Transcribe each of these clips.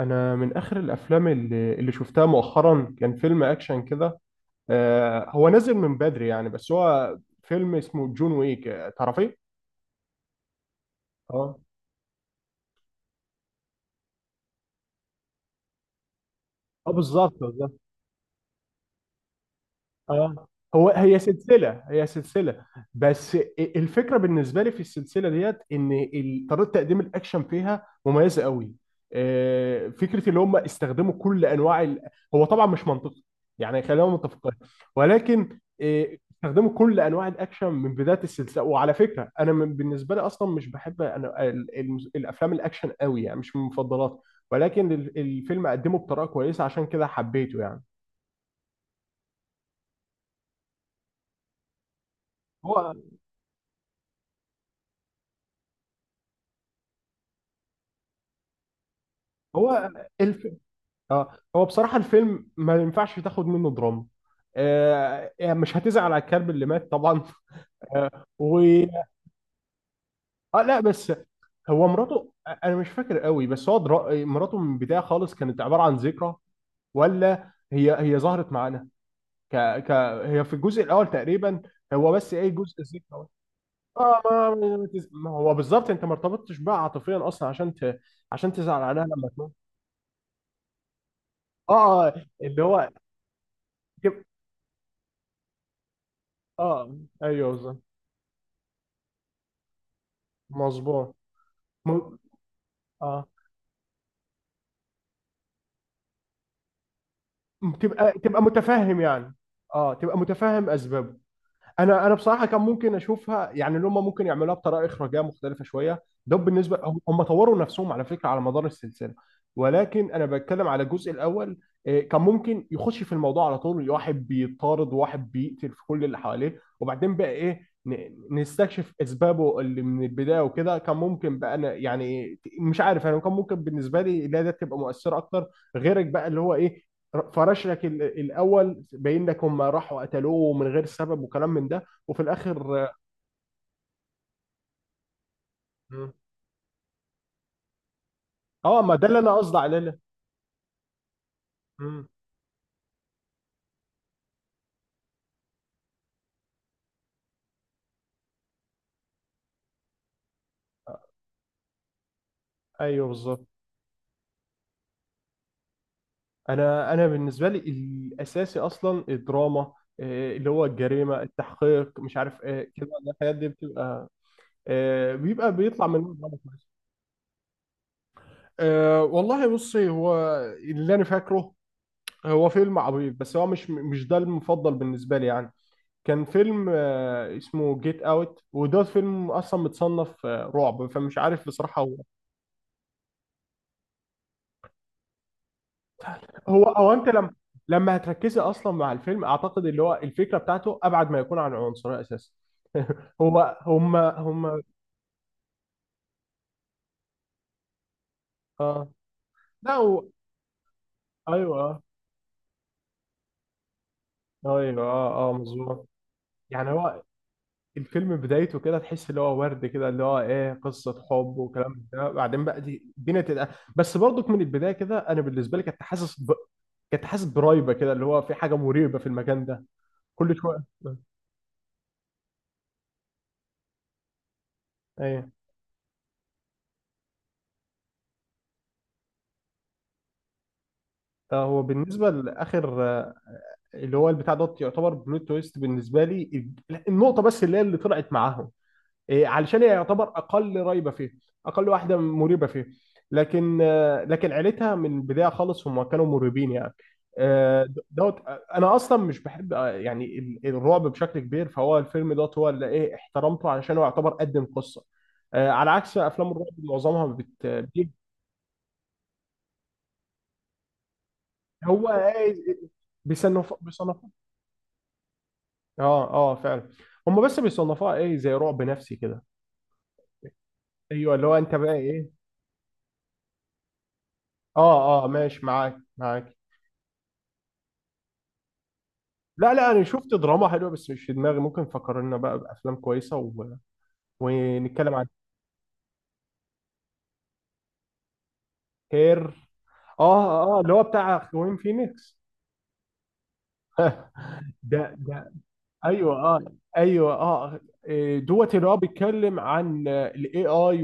انا من اخر الافلام اللي شفتها مؤخرا كان فيلم اكشن كده. هو نازل من بدري يعني، بس هو فيلم اسمه جون ويك. تعرفيه؟ اه، اه، بالظبط بالظبط. اه، هو هي سلسله. بس الفكره بالنسبه لي في السلسله ديت ان طريقه تقديم الاكشن فيها مميزه قوي. فكره اللي هم استخدموا كل انواع هو طبعا مش منطقي، يعني خلينا متفقين. ولكن استخدموا كل انواع الاكشن من بدايه السلسله. وعلى فكره انا بالنسبه لي اصلا مش بحب انا الافلام الاكشن قوي، يعني مش من مفضلاتي. ولكن الفيلم قدمه بطريقه كويسه عشان كده حبيته يعني. هو هو الف... اه، هو بصراحة الفيلم ما ينفعش تاخد منه دراما. آه يعني مش هتزعل على الكلب اللي مات طبعا آه و آه لا، بس هو مراته انا مش فاكر قوي، بس مراته من البداية خالص كانت عبارة عن ذكرى. ولا هي ظهرت معانا ك... ك... هي في الجزء الاول تقريبا. هو بس ايه جزء الذكرى. اه، ما هو بالظبط، انت ما ارتبطتش بقى عاطفيا اصلا عشان عشان تزعل عليها لما تموت. اه، اللي هو، اه، ايوه بالظبط، مظبوط. مو... اه، تبقى تبقى متفهم يعني. اه، تبقى متفهم اسبابه. انا بصراحه كان ممكن اشوفها، يعني اللي هم ممكن يعملوها بطريقه اخراجيه مختلفه شويه. ده بالنسبه، هم طوروا نفسهم على فكره على مدار السلسله. ولكن انا بتكلم على الجزء الاول. كان ممكن يخش في الموضوع على طول، واحد بيطارد وواحد بيقتل في كل اللي حواليه، وبعدين بقى ايه نستكشف اسبابه اللي من البدايه وكده. كان ممكن بقى، انا يعني مش عارف، انا كان ممكن بالنسبه لي، لا ده تبقى مؤثره اكتر. غيرك بقى اللي هو ايه، فرشلك الاول باين لك هم راحوا قتلوه من غير سبب وكلام من ده، وفي الاخر. مم. اه، ما ده اللي انا قصدي عليه، لا. مم. ايوه بالظبط. انا بالنسبه لي الاساسي اصلا الدراما، اللي هو الجريمه، التحقيق، مش عارف ايه كده. الحاجات دي بتبقى بيبقى بيطلع من الدراما كويس. أه والله بصي، هو اللي انا فاكره هو فيلم عبيط، بس هو مش ده المفضل بالنسبه لي يعني. كان فيلم اسمه جيت اوت. وده فيلم اصلا متصنف رعب، فمش عارف بصراحه. هو، هو او انت لما، لما هتركزي اصلا مع الفيلم اعتقد اللي هو الفكره بتاعته ابعد ما يكون عن العنصريه اساسا هو هم اه، لا، هو ايوه، ايوه اه اه مظبوط. يعني هو الفيلم من بدايته كده تحس اللي هو ورد كده، اللي هو ايه، قصه حب وكلام من ده، بعدين بقى دي الدنيا تبقى. بس برضك من البدايه كده انا بالنسبه لي كنت حاسس كنت حاسس برايبه كده، اللي هو في حاجه مريبه في المكان ده كل شويه ايوه، هو بالنسبه لاخر، اللي هو البتاع دوت يعتبر بلوت تويست بالنسبه لي. النقطه بس اللي هي اللي طلعت معاهم إيه، علشان هي يعتبر اقل ريبه فيه، اقل واحده مريبه فيه. لكن، لكن عيلتها من البدايه خالص هم كانوا مريبين يعني. دوت انا اصلا مش بحب، يعني الرعب بشكل كبير. فهو الفيلم دوت هو اللي ايه احترمته، علشان هو يعتبر قدم قصه، على عكس افلام الرعب معظمها بتيجي-. هو ايه، بيصنفوا. اه اه فعلا. هم بس بيصنفوها ايه زي رعب نفسي كده. ايوه، اللي هو انت بقى ايه. اه، اه، ماشي، معاك معاك. لا لا، انا شفت دراما حلوه بس مش في دماغي، ممكن فكرنا بقى بافلام كويسه و... ونتكلم عن. هير، اه اه، اللي هو بتاع خوين فينيكس ده ده، ايوه اه، ايوه اه، إيه، دوت اللي هو بيتكلم عن الاي اي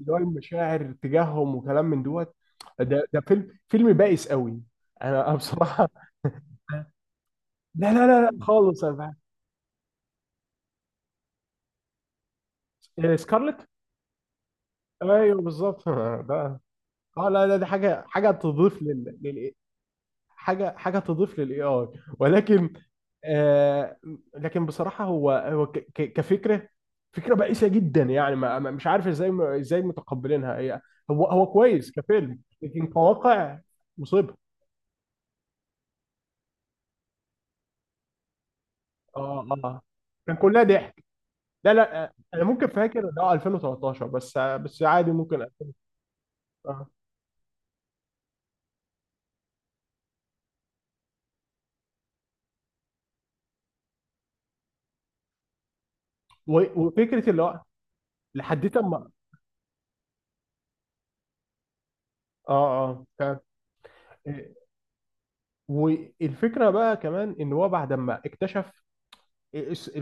والمشاعر تجاههم وكلام من دوت. ده فيلم بائس قوي. انا بصراحه لا لا لا لا خالص، انا بعت. إيه، سكارلت، ايوه بالظبط ده اه، لا لا، دي حاجه، حاجه تضيف حاجه حاجه تضيف للاي اي. ولكن آه، لكن بصراحه هو هو كفكره، فكره بائسه جدا. يعني مش عارف ازاي، ازاي متقبلينها هي. هو هو كويس كفيلم لكن كواقع مصيبه. اه اه، كان كلها ضحك. لا لا، انا ممكن فاكر ده 2013، بس بس عادي ممكن. آه. وفكره اللي هو لحد ما اه اه والفكره بقى كمان ان هو بعد ما اكتشف.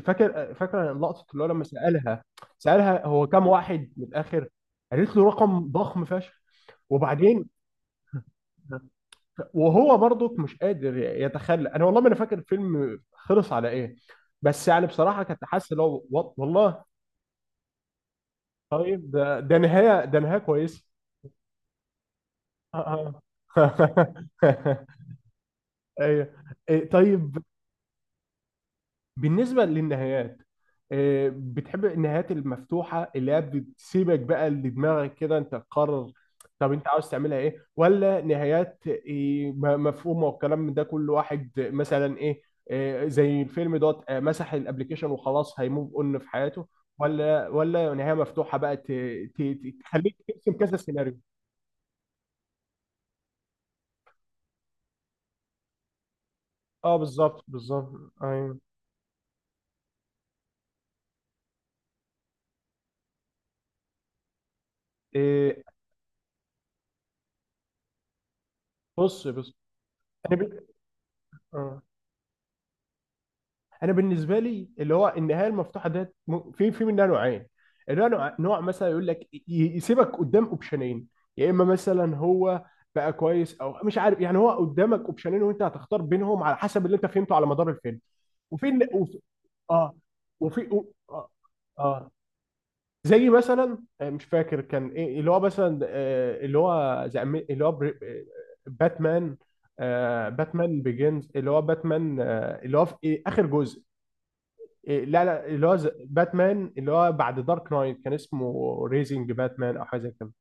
فاكر، فاكر لقطه اللي هو لما سالها، سالها هو كام واحد من الاخر. قالت له رقم ضخم فشخ. وبعدين وهو برضك مش قادر يتخلى. انا والله ما انا فاكر الفيلم خلص على ايه، بس يعني بصراحه كنت حاسس اللي هو والله. طيب ده، ده نهايه، ده نهايه كويسه ايوه إيه، طيب. بالنسبة للنهايات، بتحب النهايات المفتوحة اللي هي بتسيبك بقى لدماغك كده انت تقرر؟ طب انت عاوز تعملها ايه، ولا نهايات مفهومة والكلام من ده؟ كل واحد مثلا ايه، زي الفيلم دوت مسح الابليكيشن وخلاص هيموف اون في حياته. ولا ولا نهاية مفتوحة بقى تخليك ترسم كذا سيناريو. اه بالظبط بالظبط، ايوه إيه. بص بص، انا آه. انا بالنسبه لي اللي هو النهايه المفتوحه ديت في في منها نوعين. اللي هو نوع، نوع مثلا يقول لك يسيبك قدام اوبشنين. يا اما مثلا هو بقى كويس، او مش عارف، يعني هو قدامك اوبشنين وانت هتختار بينهم على حسب اللي انت فهمته على مدار الفيلم. وفي وفي- اه، وفي اه. اه، زي مثلا مش فاكر كان ايه، اللي هو مثلا اللي هو زي اللي هو باتمان، باتمان بيجنز، اللي هو باتمان، اللي هو في إيه، اخر جزء. إيه، لا لا، اللي هو باتمان اللي هو بعد دارك نايت، كان اسمه ريزنج باتمان او حاجه زي كده.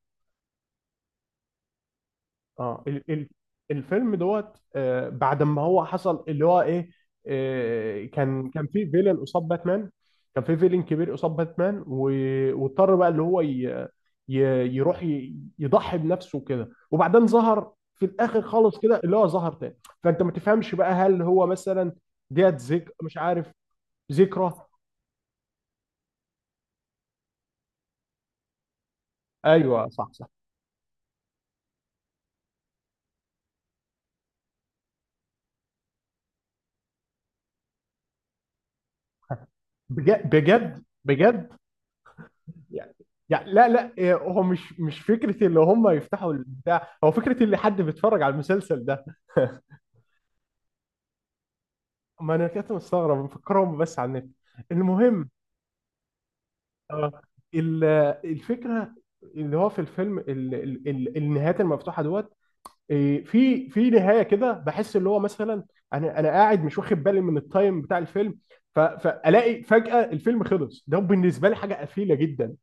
اه، ال الفيلم دوت، بعد ما هو حصل اللي هو ايه، كان في فيلن قصاد باتمان. كان في فيلن كبير قصاد باتمان، واضطر بقى اللي هو ي يروح يضحي بنفسه كده، وبعدين ظهر في الاخر خالص كده اللي هو ظهر تاني. فانت ما تفهمش بقى هل هو مثلا ديت ذك مش عارف، ذكرى. ايوه صح صح. بجد بجد بجد، يعني، يعني لا لا إيه، هو مش فكره اللي هم يفتحوا البتاع. هو فكره اللي حد بيتفرج على المسلسل ده ما انا كنت مستغرب مفكرهم بس على النت. المهم، اه، ال- الفكره، اللي هو في الفيلم النهايات المفتوحه دوت إيه، في في نهايه كده بحس اللي هو مثلا انا قاعد مش واخد بالي من التايم بتاع الفيلم. فالاقي فجاه الفيلم خلص. ده بالنسبه لي حاجه قفيله جدا.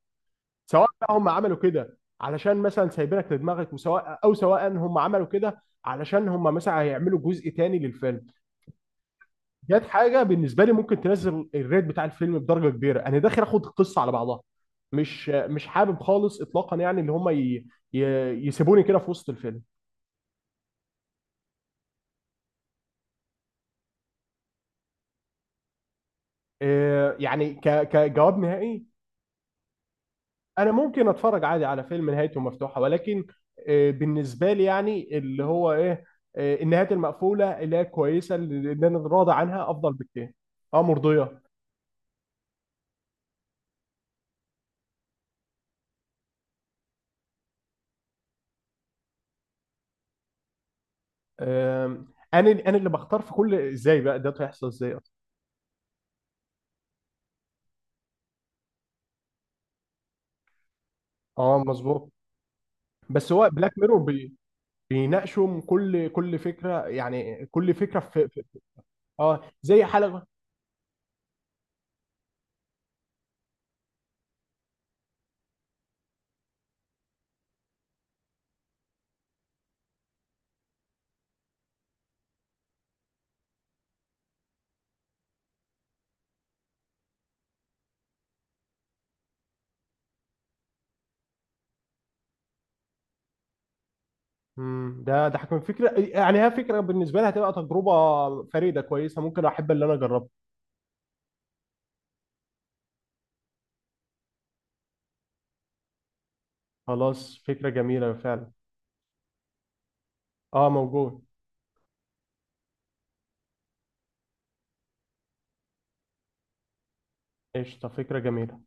سواء بقى هم عملوا كده علشان مثلا سايبينك لدماغك وسواء، او سواء هم عملوا كده علشان هم مثلا هيعملوا جزء تاني للفيلم. ديت حاجه بالنسبه لي ممكن تنزل الريت بتاع الفيلم بدرجه كبيره، انا داخل اخد القصه على بعضها، مش مش حابب خالص اطلاقا، يعني ان هم ي... ي... يسيبوني كده في وسط الفيلم. يعني كجواب نهائي، انا ممكن اتفرج عادي على فيلم نهايته مفتوحه، ولكن بالنسبه لي يعني اللي هو ايه، النهايات المقفوله اللي هي كويسه، اللي انا راضي عنها افضل بكتير. اه، مرضيه. آم، انا اللي بختار في كل ازاي بقى ده هيحصل، ازاي اصلا. اه، مظبوط. بس هو بلاك ميرور بي بيناقشوا كل فكره، يعني كل فكره في اه زي حلقه. امم، ده ده هتكون فكره، يعني هي فكره بالنسبه لي هتبقى تجربه فريده كويسه، ممكن احب اللي انا اجربها. خلاص، فكرة جميلة فعلا. اه، موجود. قشطة، فكرة جميلة.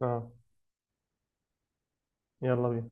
اه، يلا بينا.